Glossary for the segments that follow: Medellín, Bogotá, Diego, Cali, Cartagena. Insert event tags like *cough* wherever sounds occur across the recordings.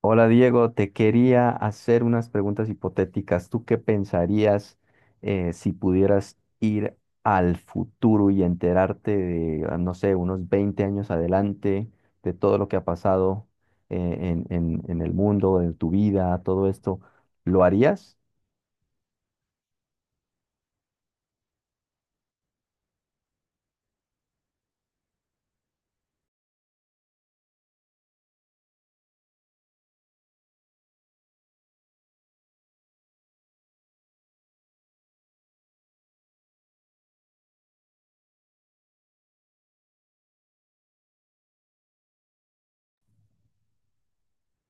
Hola Diego, te quería hacer unas preguntas hipotéticas. ¿Tú qué pensarías si pudieras ir al futuro y enterarte de, no sé, unos 20 años adelante, de todo lo que ha pasado en, el mundo, en tu vida, todo esto? ¿Lo harías?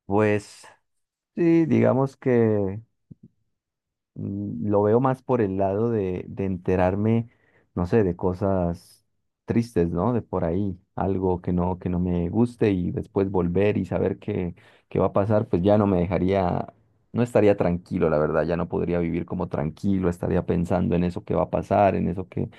Pues sí, digamos que lo veo más por el lado de enterarme, no sé, de cosas tristes, ¿no? De por ahí, algo que no me guste y después volver y saber qué, qué va a pasar, pues ya no me dejaría, no estaría tranquilo, la verdad, ya no podría vivir como tranquilo, estaría pensando en eso que va a pasar, en eso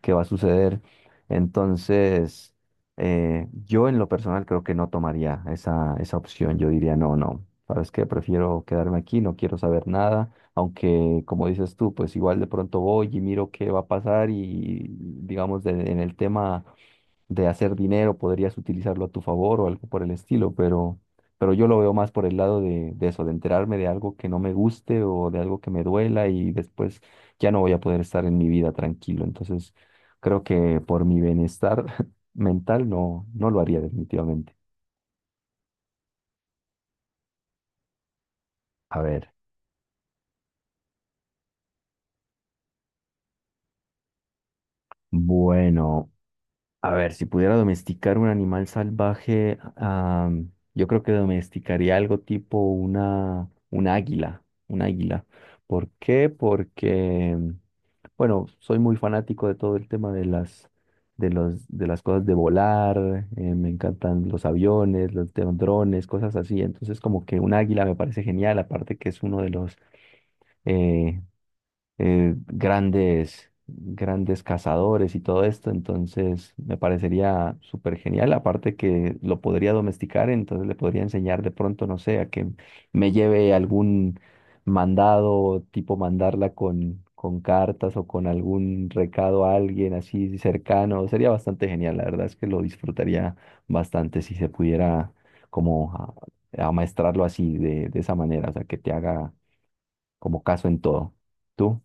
que va a suceder. Entonces, yo en lo personal creo que no tomaría esa, esa opción, yo diría, no, no, ¿sabes qué? Prefiero quedarme aquí, no quiero saber nada aunque, como dices tú, pues igual de pronto voy y miro qué va a pasar y, digamos, en el tema de hacer dinero, podrías utilizarlo a tu favor o algo por el estilo, pero yo lo veo más por el lado de eso, de enterarme de algo que no me guste o de algo que me duela y después ya no voy a poder estar en mi vida tranquilo. Entonces, creo que por mi bienestar *laughs* mental no, no lo haría definitivamente. A ver, bueno. A ver, si pudiera domesticar un animal salvaje, yo creo que domesticaría algo tipo una, un águila, un águila. ¿Por qué? Porque, bueno, soy muy fanático de todo el tema de las, de los, de las cosas de volar, me encantan los aviones, los drones, cosas así. Entonces, como que un águila me parece genial, aparte que es uno de los, eh, grandes cazadores y todo esto, entonces me parecería súper genial, aparte que lo podría domesticar, entonces le podría enseñar de pronto, no sé, a que me lleve algún mandado, tipo mandarla con cartas o con algún recado a alguien así cercano, sería bastante genial, la verdad es que lo disfrutaría bastante si se pudiera como amaestrarlo así, de esa manera, o sea, que te haga como caso en todo. ¿Tú?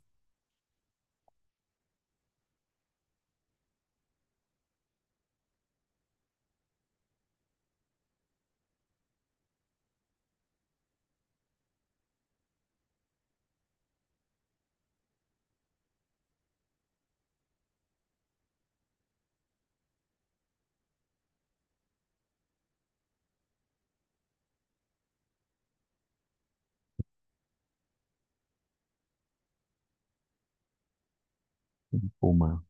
Un puma.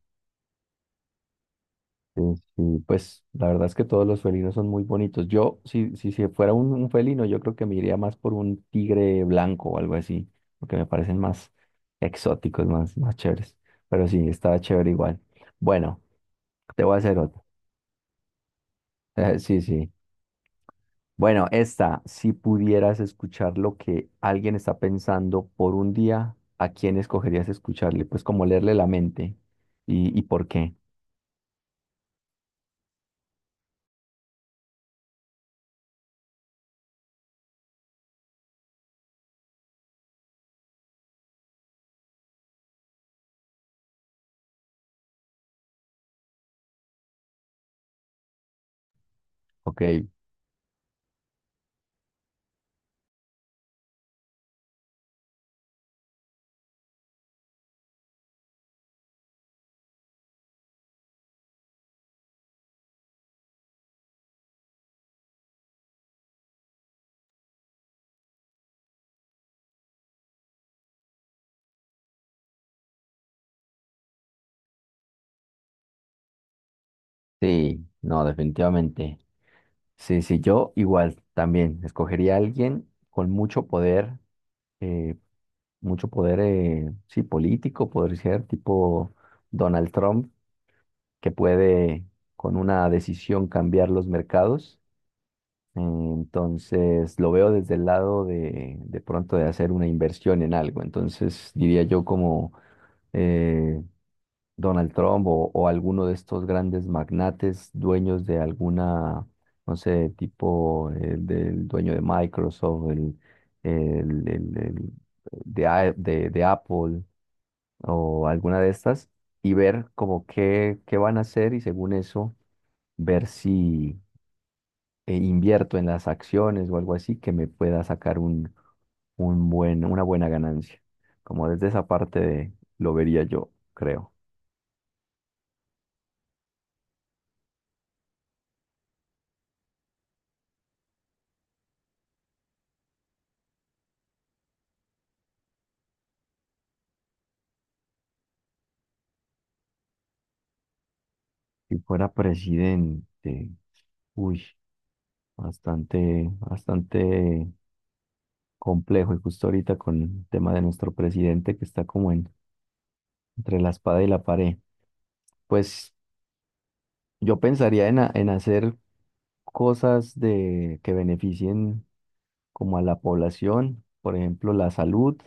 Sí, sí, pues la verdad es que todos los felinos son muy bonitos. Yo, si, si, si fuera un felino, yo creo que me iría más por un tigre blanco o algo así, porque me parecen más exóticos, más, más chéveres. Pero sí, estaba chévere igual. Bueno, te voy a hacer otra. *laughs* Sí, sí. Bueno, esta, si pudieras escuchar lo que alguien está pensando por un día, ¿a quién escogerías escucharle? Pues como leerle la mente y por qué. Ok, sí, no, definitivamente. Sí, sí, yo igual también escogería a alguien con eh, mucho poder, sí, político, poder ser, tipo Donald Trump, que puede con una decisión cambiar los mercados. Entonces, lo veo desde el lado de pronto de hacer una inversión en algo. Entonces, diría yo como eh, Donald Trump o alguno de estos grandes magnates dueños de alguna, no sé, tipo el del dueño de Microsoft, el, el de, de Apple o alguna de estas, y ver como qué, qué van a hacer y según eso, ver si invierto en las acciones o algo así que me pueda sacar un buen, una buena ganancia. Como desde esa parte lo vería yo, creo. Si fuera presidente, uy, bastante, bastante complejo. Y justo ahorita con el tema de nuestro presidente que está como entre la espada y la pared. Pues yo pensaría en, en hacer cosas de, que beneficien como a la población, por ejemplo, la salud.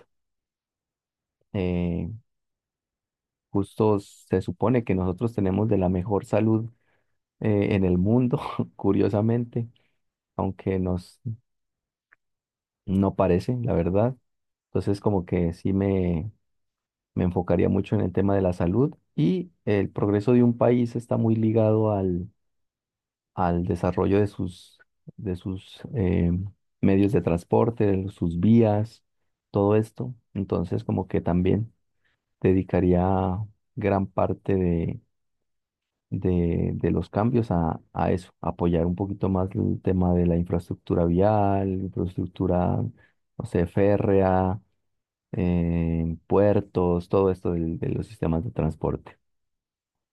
eh, justo se supone que nosotros tenemos de la mejor salud en el mundo, *laughs* curiosamente, aunque nos no parece, la verdad. Entonces, como que sí me enfocaría mucho en el tema de la salud y el progreso de un país está muy ligado al, al desarrollo de sus medios de transporte, de sus vías, todo esto. Entonces, como que también dedicaría gran parte de los cambios a eso, apoyar un poquito más el tema de la infraestructura vial, infraestructura, no sé, férrea en puertos, todo esto de los sistemas de transporte.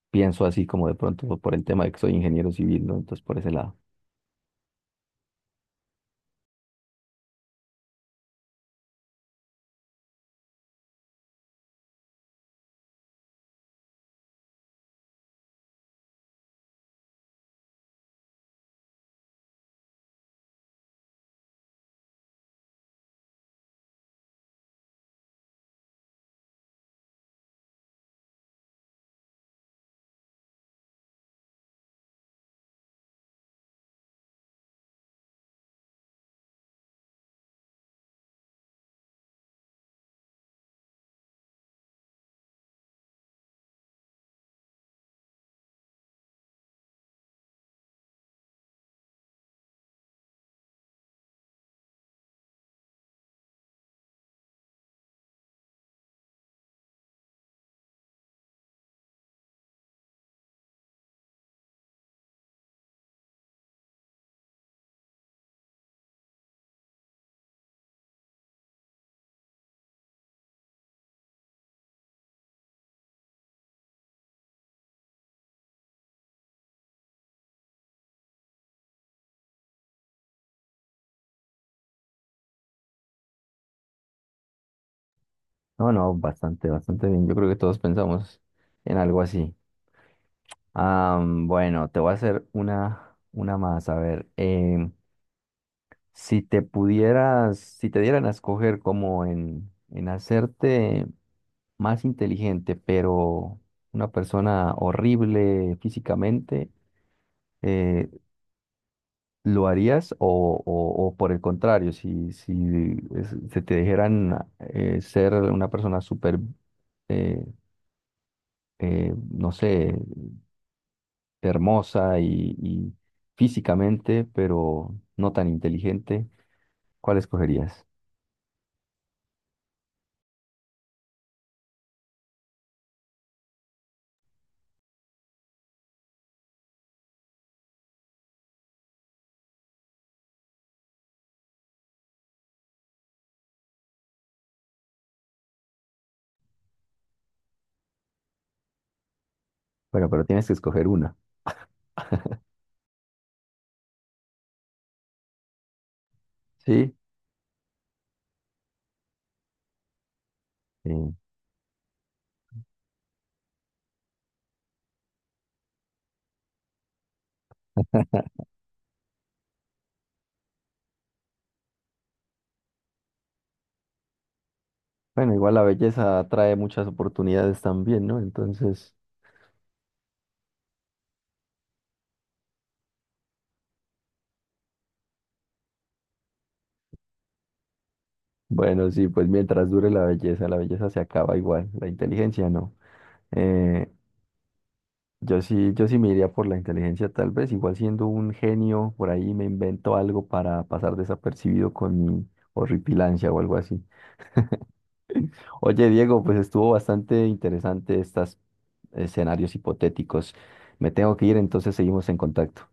Pienso así como de pronto por el tema de que soy ingeniero civil, ¿no? Entonces por ese lado. No, no, bastante, bastante bien. Yo creo que todos pensamos en algo así. Bueno, te voy a hacer una más. A ver, si te pudieras, si te dieran a escoger como en hacerte más inteligente, pero una persona horrible físicamente, eh, ¿lo harías o, o por el contrario, si, si se te dijeran ser una persona súper, eh, no sé, hermosa y físicamente, pero no tan inteligente, ¿cuál escogerías? Bueno, pero tienes que escoger una, ¿sí? Eh, bueno, igual la belleza trae muchas oportunidades también, ¿no? Entonces, bueno, sí, pues mientras dure la belleza se acaba igual, la inteligencia no. Eh, yo sí, yo sí me iría por la inteligencia, tal vez, igual siendo un genio, por ahí me invento algo para pasar desapercibido con mi horripilancia o algo así. Oye, Diego, pues estuvo bastante interesante estos escenarios hipotéticos. Me tengo que ir, entonces seguimos en contacto.